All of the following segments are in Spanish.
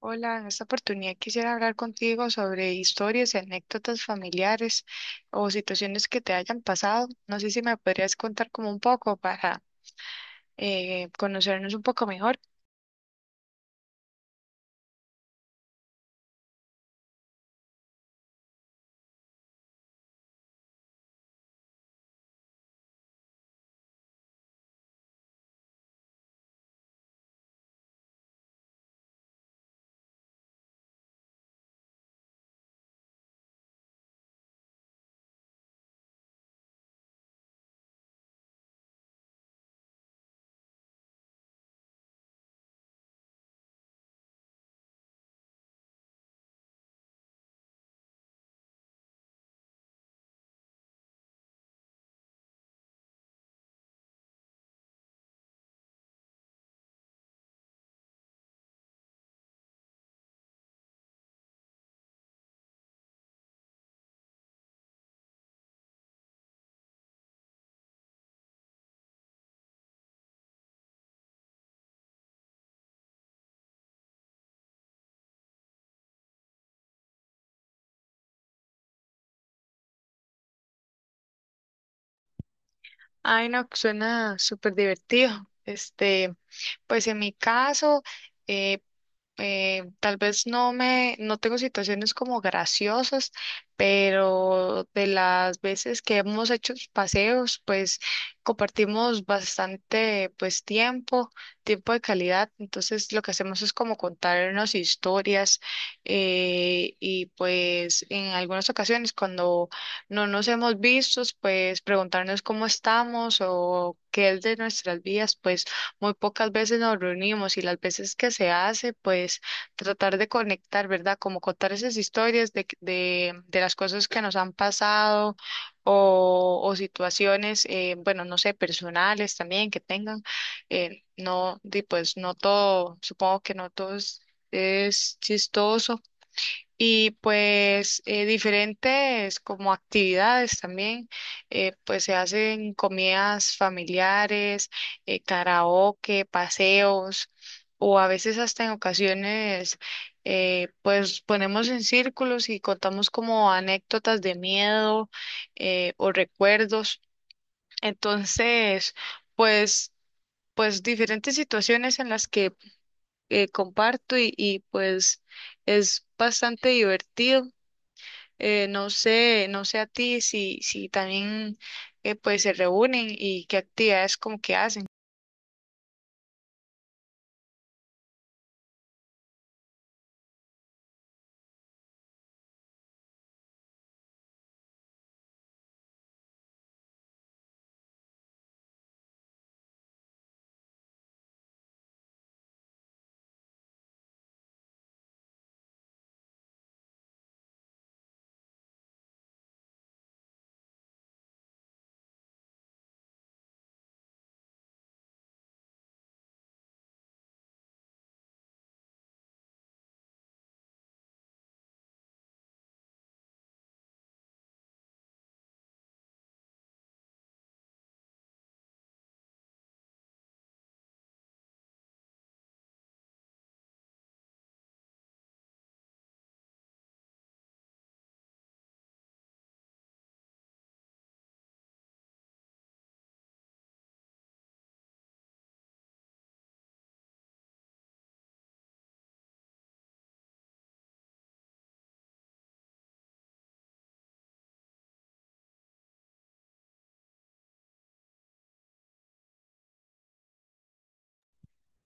Hola, en esta oportunidad quisiera hablar contigo sobre historias y anécdotas familiares o situaciones que te hayan pasado. No sé si me podrías contar como un poco para conocernos un poco mejor. Ay, no, suena súper divertido. Este, pues en mi caso, eh, tal vez no tengo situaciones como graciosas, pero de las veces que hemos hecho paseos, pues compartimos bastante, pues tiempo de calidad. Entonces lo que hacemos es como contarnos historias y pues en algunas ocasiones cuando no nos hemos visto, pues preguntarnos cómo estamos o qué es de nuestras vidas, pues muy pocas veces nos reunimos y las veces que se hace, pues tratar de conectar, ¿verdad? Como contar esas historias de las cosas que nos han pasado o situaciones, bueno, no sé, personales también que tengan. Eh, no, di, pues no todo, supongo que no todo es chistoso y pues diferentes como actividades también, pues se hacen comidas familiares, karaoke, paseos, o a veces hasta en ocasiones, pues ponemos en círculos y contamos como anécdotas de miedo, o recuerdos. Entonces, pues, pues diferentes situaciones en las que comparto y pues es bastante divertido. No sé, a ti si, si también pues se reúnen y qué actividades como que hacen.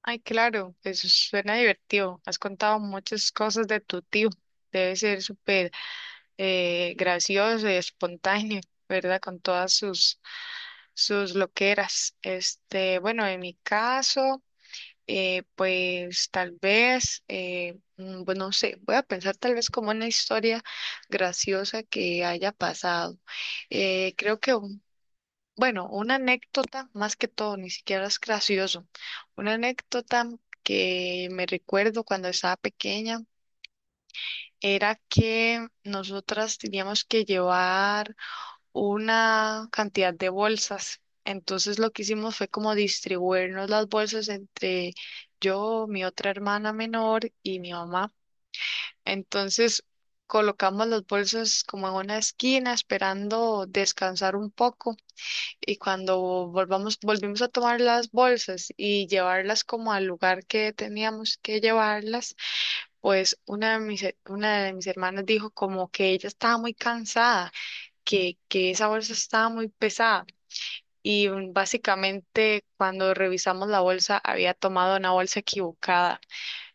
Ay, claro, eso suena divertido. Has contado muchas cosas de tu tío. Debe ser súper gracioso y espontáneo, ¿verdad? Con todas sus loqueras. Este, bueno, en mi caso. Pues tal vez, bueno, no sé, voy a pensar tal vez como una historia graciosa que haya pasado. Creo que, bueno, una anécdota, más que todo, ni siquiera es gracioso. Una anécdota que me recuerdo cuando estaba pequeña era que nosotras teníamos que llevar una cantidad de bolsas. Entonces lo que hicimos fue como distribuirnos las bolsas entre yo, mi otra hermana menor y mi mamá. Entonces colocamos las bolsas como en una esquina esperando descansar un poco y cuando volvimos a tomar las bolsas y llevarlas como al lugar que teníamos que llevarlas, pues una de mis hermanas dijo como que ella estaba muy cansada que esa bolsa estaba muy pesada, y básicamente cuando revisamos la bolsa había tomado una bolsa equivocada,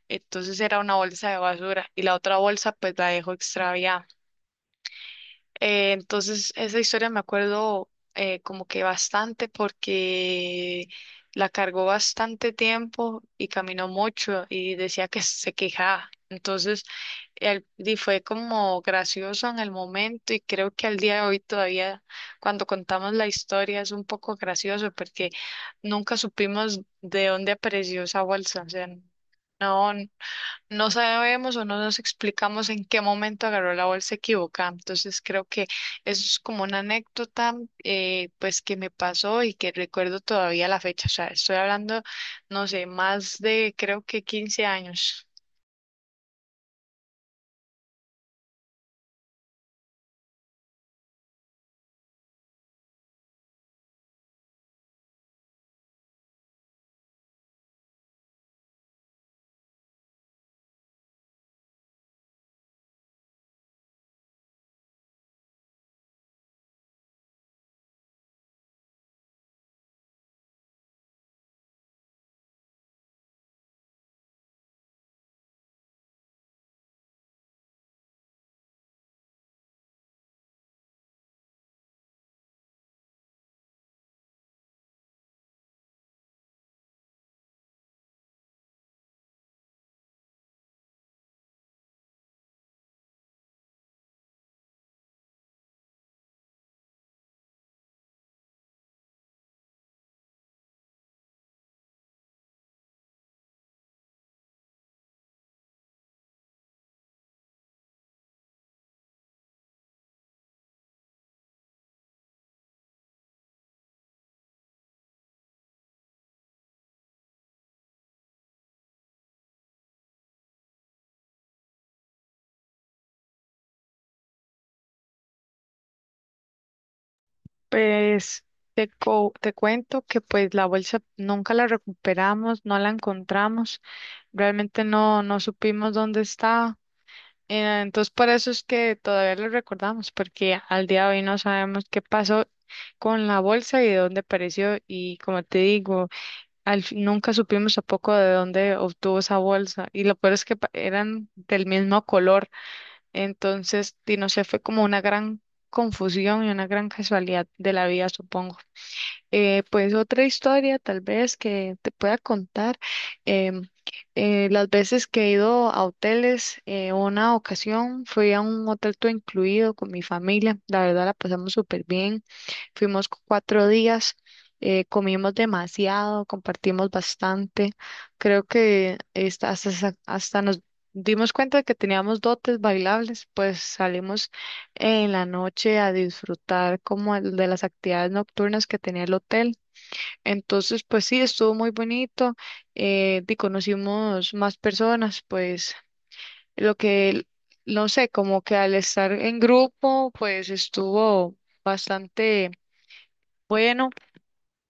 entonces era una bolsa de basura y la otra bolsa pues la dejó extraviada. Entonces, esa historia me acuerdo como que bastante porque la cargó bastante tiempo y caminó mucho y decía que se quejaba. Entonces, y fue como gracioso en el momento, y creo que al día de hoy todavía cuando contamos la historia es un poco gracioso, porque nunca supimos de dónde apareció esa bolsa. O sea, no. No sabemos o no nos explicamos en qué momento agarró la bolsa equivocada. Entonces creo que eso es como una anécdota pues que me pasó y que recuerdo todavía la fecha. O sea, estoy hablando, no sé, más de creo que 15 años. Pues te cuento que pues la bolsa nunca la recuperamos, no la encontramos, realmente no, no supimos dónde estaba. Entonces, por eso es que todavía lo recordamos, porque al día de hoy no sabemos qué pasó con la bolsa y de dónde apareció. Y como te digo, nunca supimos tampoco de dónde obtuvo esa bolsa. Y lo peor es que eran del mismo color. Entonces, y no sé, fue como una gran confusión y una gran casualidad de la vida, supongo. Pues otra historia tal vez que te pueda contar. em, las veces que he ido a hoteles, una ocasión fui a un hotel todo incluido con mi familia. La verdad la pasamos súper bien. Fuimos cuatro días, comimos demasiado, compartimos bastante. Creo que hasta nos dimos cuenta de que teníamos dotes bailables, pues salimos en la noche a disfrutar como el de las actividades nocturnas que tenía el hotel. Entonces, pues sí, estuvo muy bonito, y conocimos más personas, pues lo que, el- no sé, como que al estar en grupo, pues estuvo bastante bueno.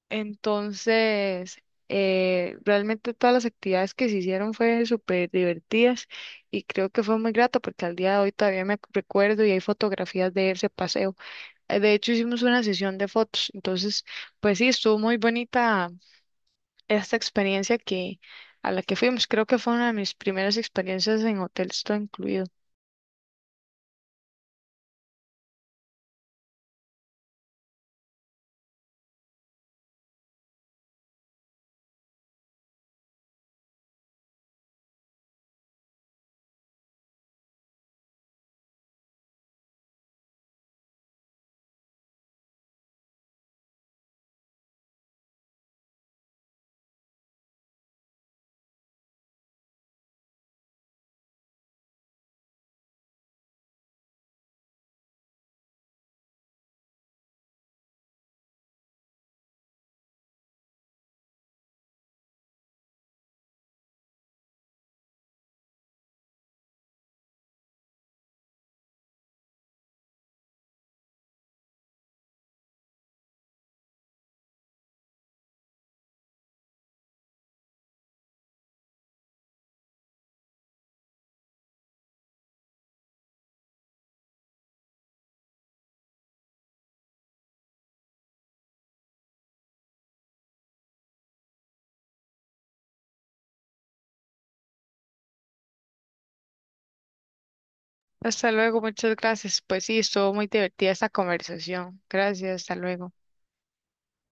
Entonces... realmente todas las actividades que se hicieron fue súper divertidas y creo que fue muy grato porque al día de hoy todavía me recuerdo y hay fotografías de ese paseo. De hecho, hicimos una sesión de fotos. Entonces, pues sí, estuvo muy bonita esta experiencia que a la que fuimos. Creo que fue una de mis primeras experiencias en hoteles, todo incluido. Hasta luego, muchas gracias. Pues sí, estuvo muy divertida esta conversación. Gracias, hasta luego.